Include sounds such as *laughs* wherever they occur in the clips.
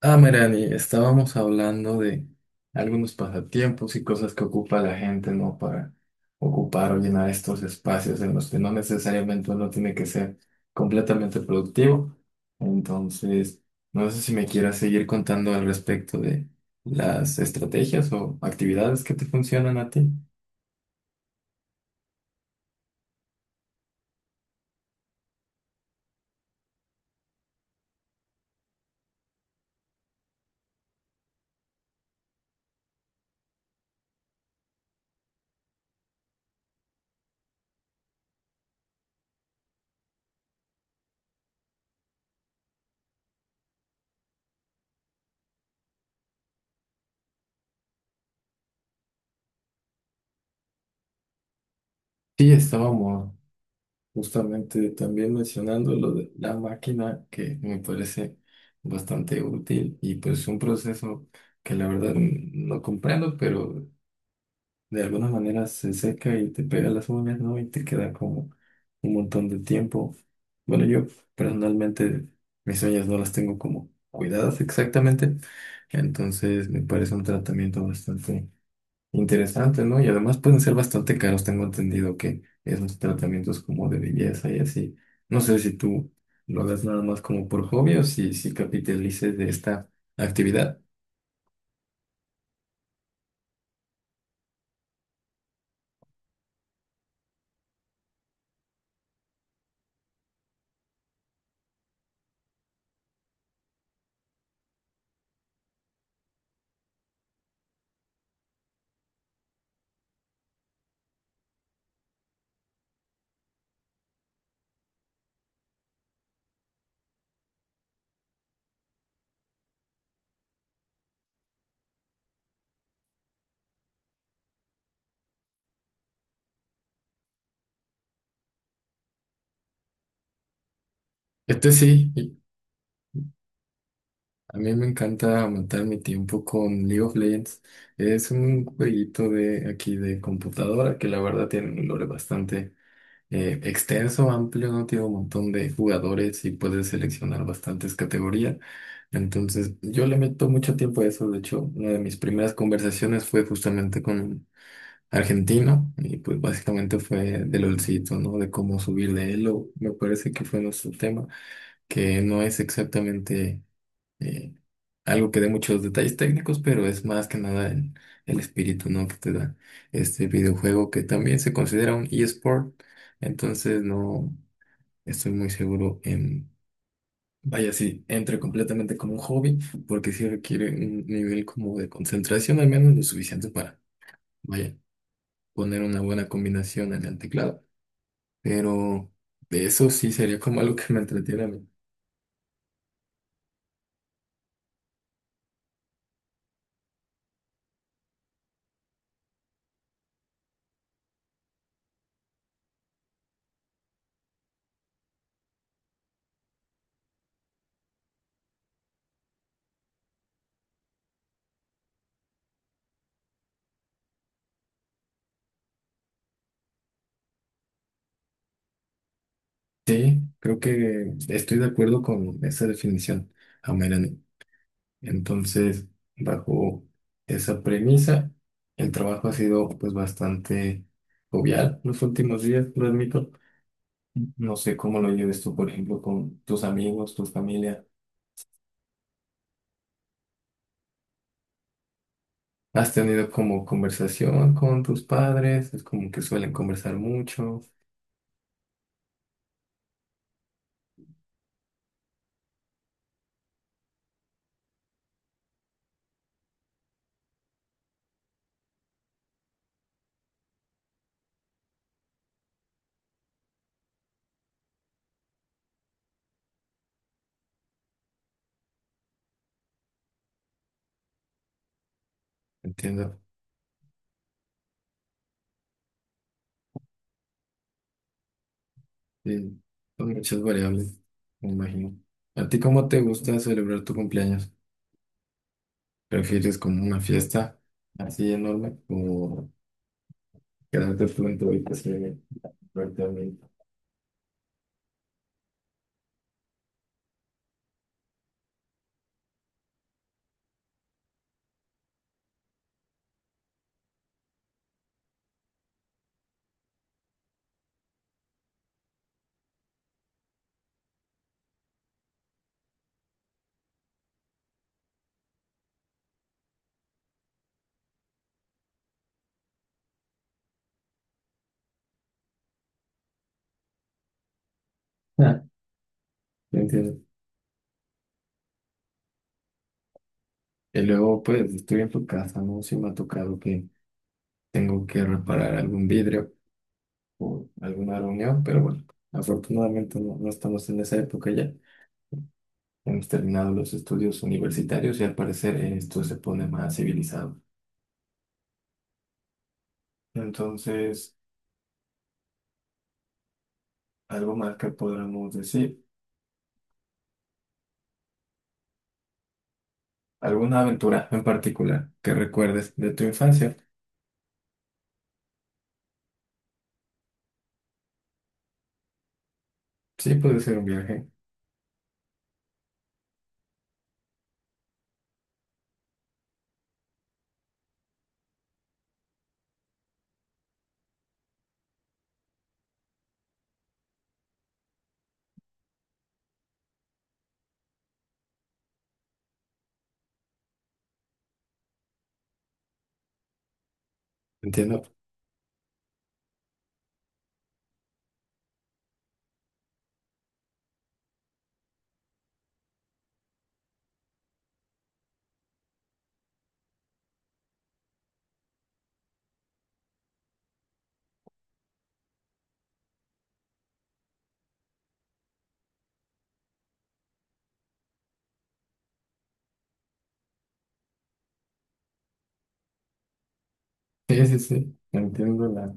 Ah, Merani, estábamos hablando de algunos pasatiempos y cosas que ocupa la gente, ¿no? Para ocupar o llenar estos espacios en los que no necesariamente uno tiene que ser completamente productivo. Entonces, no sé si me quieras seguir contando al respecto de las estrategias o actividades que te funcionan a ti. Sí, estábamos justamente también mencionando lo de la máquina, que me parece bastante útil, y pues un proceso que la verdad no comprendo, pero de alguna manera se seca y te pega las uñas, ¿no? Y te queda como un montón de tiempo. Bueno, yo personalmente mis uñas no las tengo como cuidadas exactamente, entonces me parece un tratamiento bastante interesante, ¿no? Y además pueden ser bastante caros, tengo entendido que esos tratamientos como de belleza y así. No sé si tú lo hagas nada más como por hobby o si capitalices de esta actividad. Este sí, y a mí me encanta aumentar mi tiempo con League of Legends. Es un jueguito de aquí de computadora que la verdad tiene un lore bastante extenso, amplio, ¿no? Tiene un montón de jugadores y puedes seleccionar bastantes categorías. Entonces, yo le meto mucho tiempo a eso. De hecho, una de mis primeras conversaciones fue justamente con un argentino y pues básicamente fue del LOLcito, ¿no? De cómo subir de elo. Me parece que fue nuestro tema, que no es exactamente eh, algo que dé muchos detalles técnicos, pero es más que nada el espíritu, ¿no? Que te da este videojuego, que también se considera un eSport. Entonces no estoy muy seguro en, vaya, si entre completamente como un hobby, porque sí requiere un nivel como de concentración, al menos lo suficiente para, vaya, poner una buena combinación en el teclado, pero de eso sí sería como algo que me entretiene a mí. Sí, creo que estoy de acuerdo con esa definición. Amén. Entonces, bajo esa premisa, el trabajo ha sido pues bastante jovial los últimos días, lo admito. No sé cómo lo lleves tú, por ejemplo, con tus amigos, tu familia. ¿Has tenido como conversación con tus padres? Es como que suelen conversar mucho. Entiendo. Sí, son muchas variables, me imagino. ¿A ti cómo te gusta celebrar tu cumpleaños? ¿Prefieres como una fiesta así enorme o quedarte tú en tu habitación? Pero ah, ¿me y luego, pues, estoy en tu casa, ¿no? Si me ha tocado que tengo que reparar algún vidrio o alguna reunión, pero bueno, afortunadamente no, no estamos en esa época ya. Hemos terminado los estudios universitarios y al parecer esto se pone más civilizado. Entonces, algo más que podamos decir, alguna aventura en particular que recuerdes de tu infancia. Sí, puede ser un viaje, entiendo. Sí, sí, sí, entiendo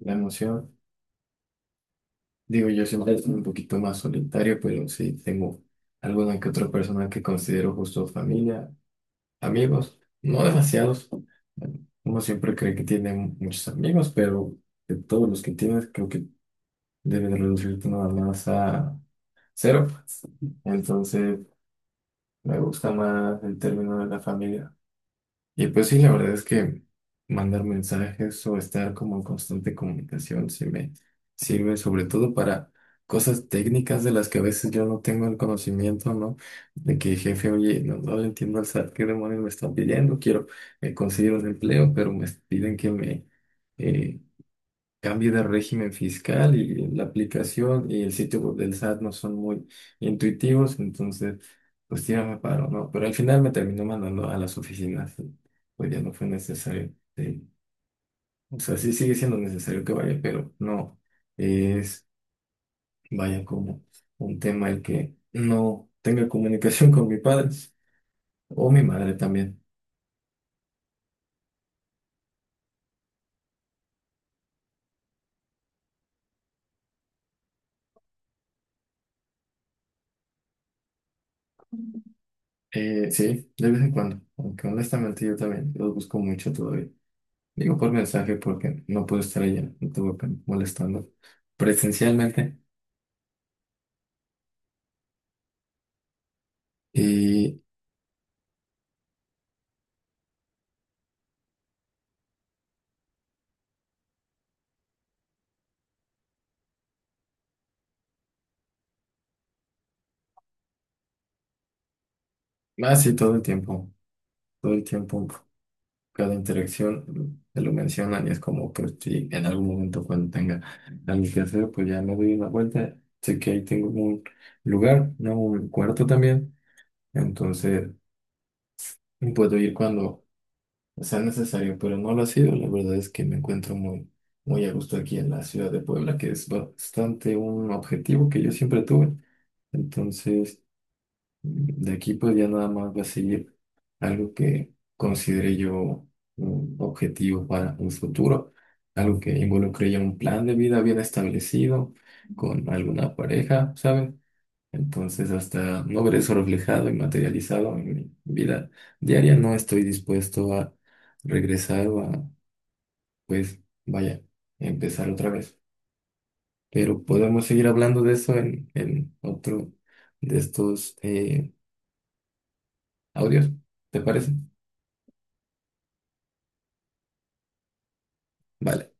la emoción. Digo, yo siempre soy un poquito más solitario, pero sí tengo alguna que otra persona que considero justo familia, amigos, no demasiados. Uno siempre cree que tiene muchos amigos, pero de todos los que tienes, creo que debes reducirte nada más a cero. Entonces, me gusta más el término de la familia. Y pues sí, la verdad es que mandar mensajes o estar como en constante comunicación sí me sirve sobre todo para cosas técnicas de las que a veces yo no tengo el conocimiento, ¿no? De que jefe, oye, no, no le entiendo al SAT, ¿qué demonios me están pidiendo? Quiero conseguir un empleo, pero me piden que me, eh, cambio de régimen fiscal, y la aplicación y el sitio web del SAT no son muy intuitivos, entonces pues tírame paro, ¿no? Pero al final me terminó mandando a las oficinas, y pues ya no fue necesario. Sí. O sea, sí sigue siendo necesario que vaya, pero no es, vaya, como un tema el que no tenga comunicación *laughs* con mi padre o mi madre también. Sí, de vez en cuando, aunque honestamente yo también los busco mucho todavía. Digo por mensaje porque no pude estar allá, estuve pen- molestando presencialmente, y así todo el tiempo, cada interacción se lo mencionan, y es como que si en algún momento cuando tenga algo que hacer, pues ya me doy una vuelta, sé que ahí tengo un lugar, ¿no? Un cuarto también, entonces puedo ir cuando sea necesario, pero no lo ha sido. La verdad es que me encuentro muy, muy a gusto aquí en la ciudad de Puebla, que es bastante un objetivo que yo siempre tuve. Entonces, mm, de aquí pues ya nada más va a seguir algo que considere yo un objetivo para un futuro, algo que involucre ya un plan de vida bien establecido con alguna pareja, ¿sabes? Entonces, hasta no ver eso reflejado y materializado en mi vida diaria, no estoy dispuesto a regresar o a, pues, vaya, empezar otra vez. Pero podemos seguir hablando de eso en otro de estos audios, ¿te parece? Vale.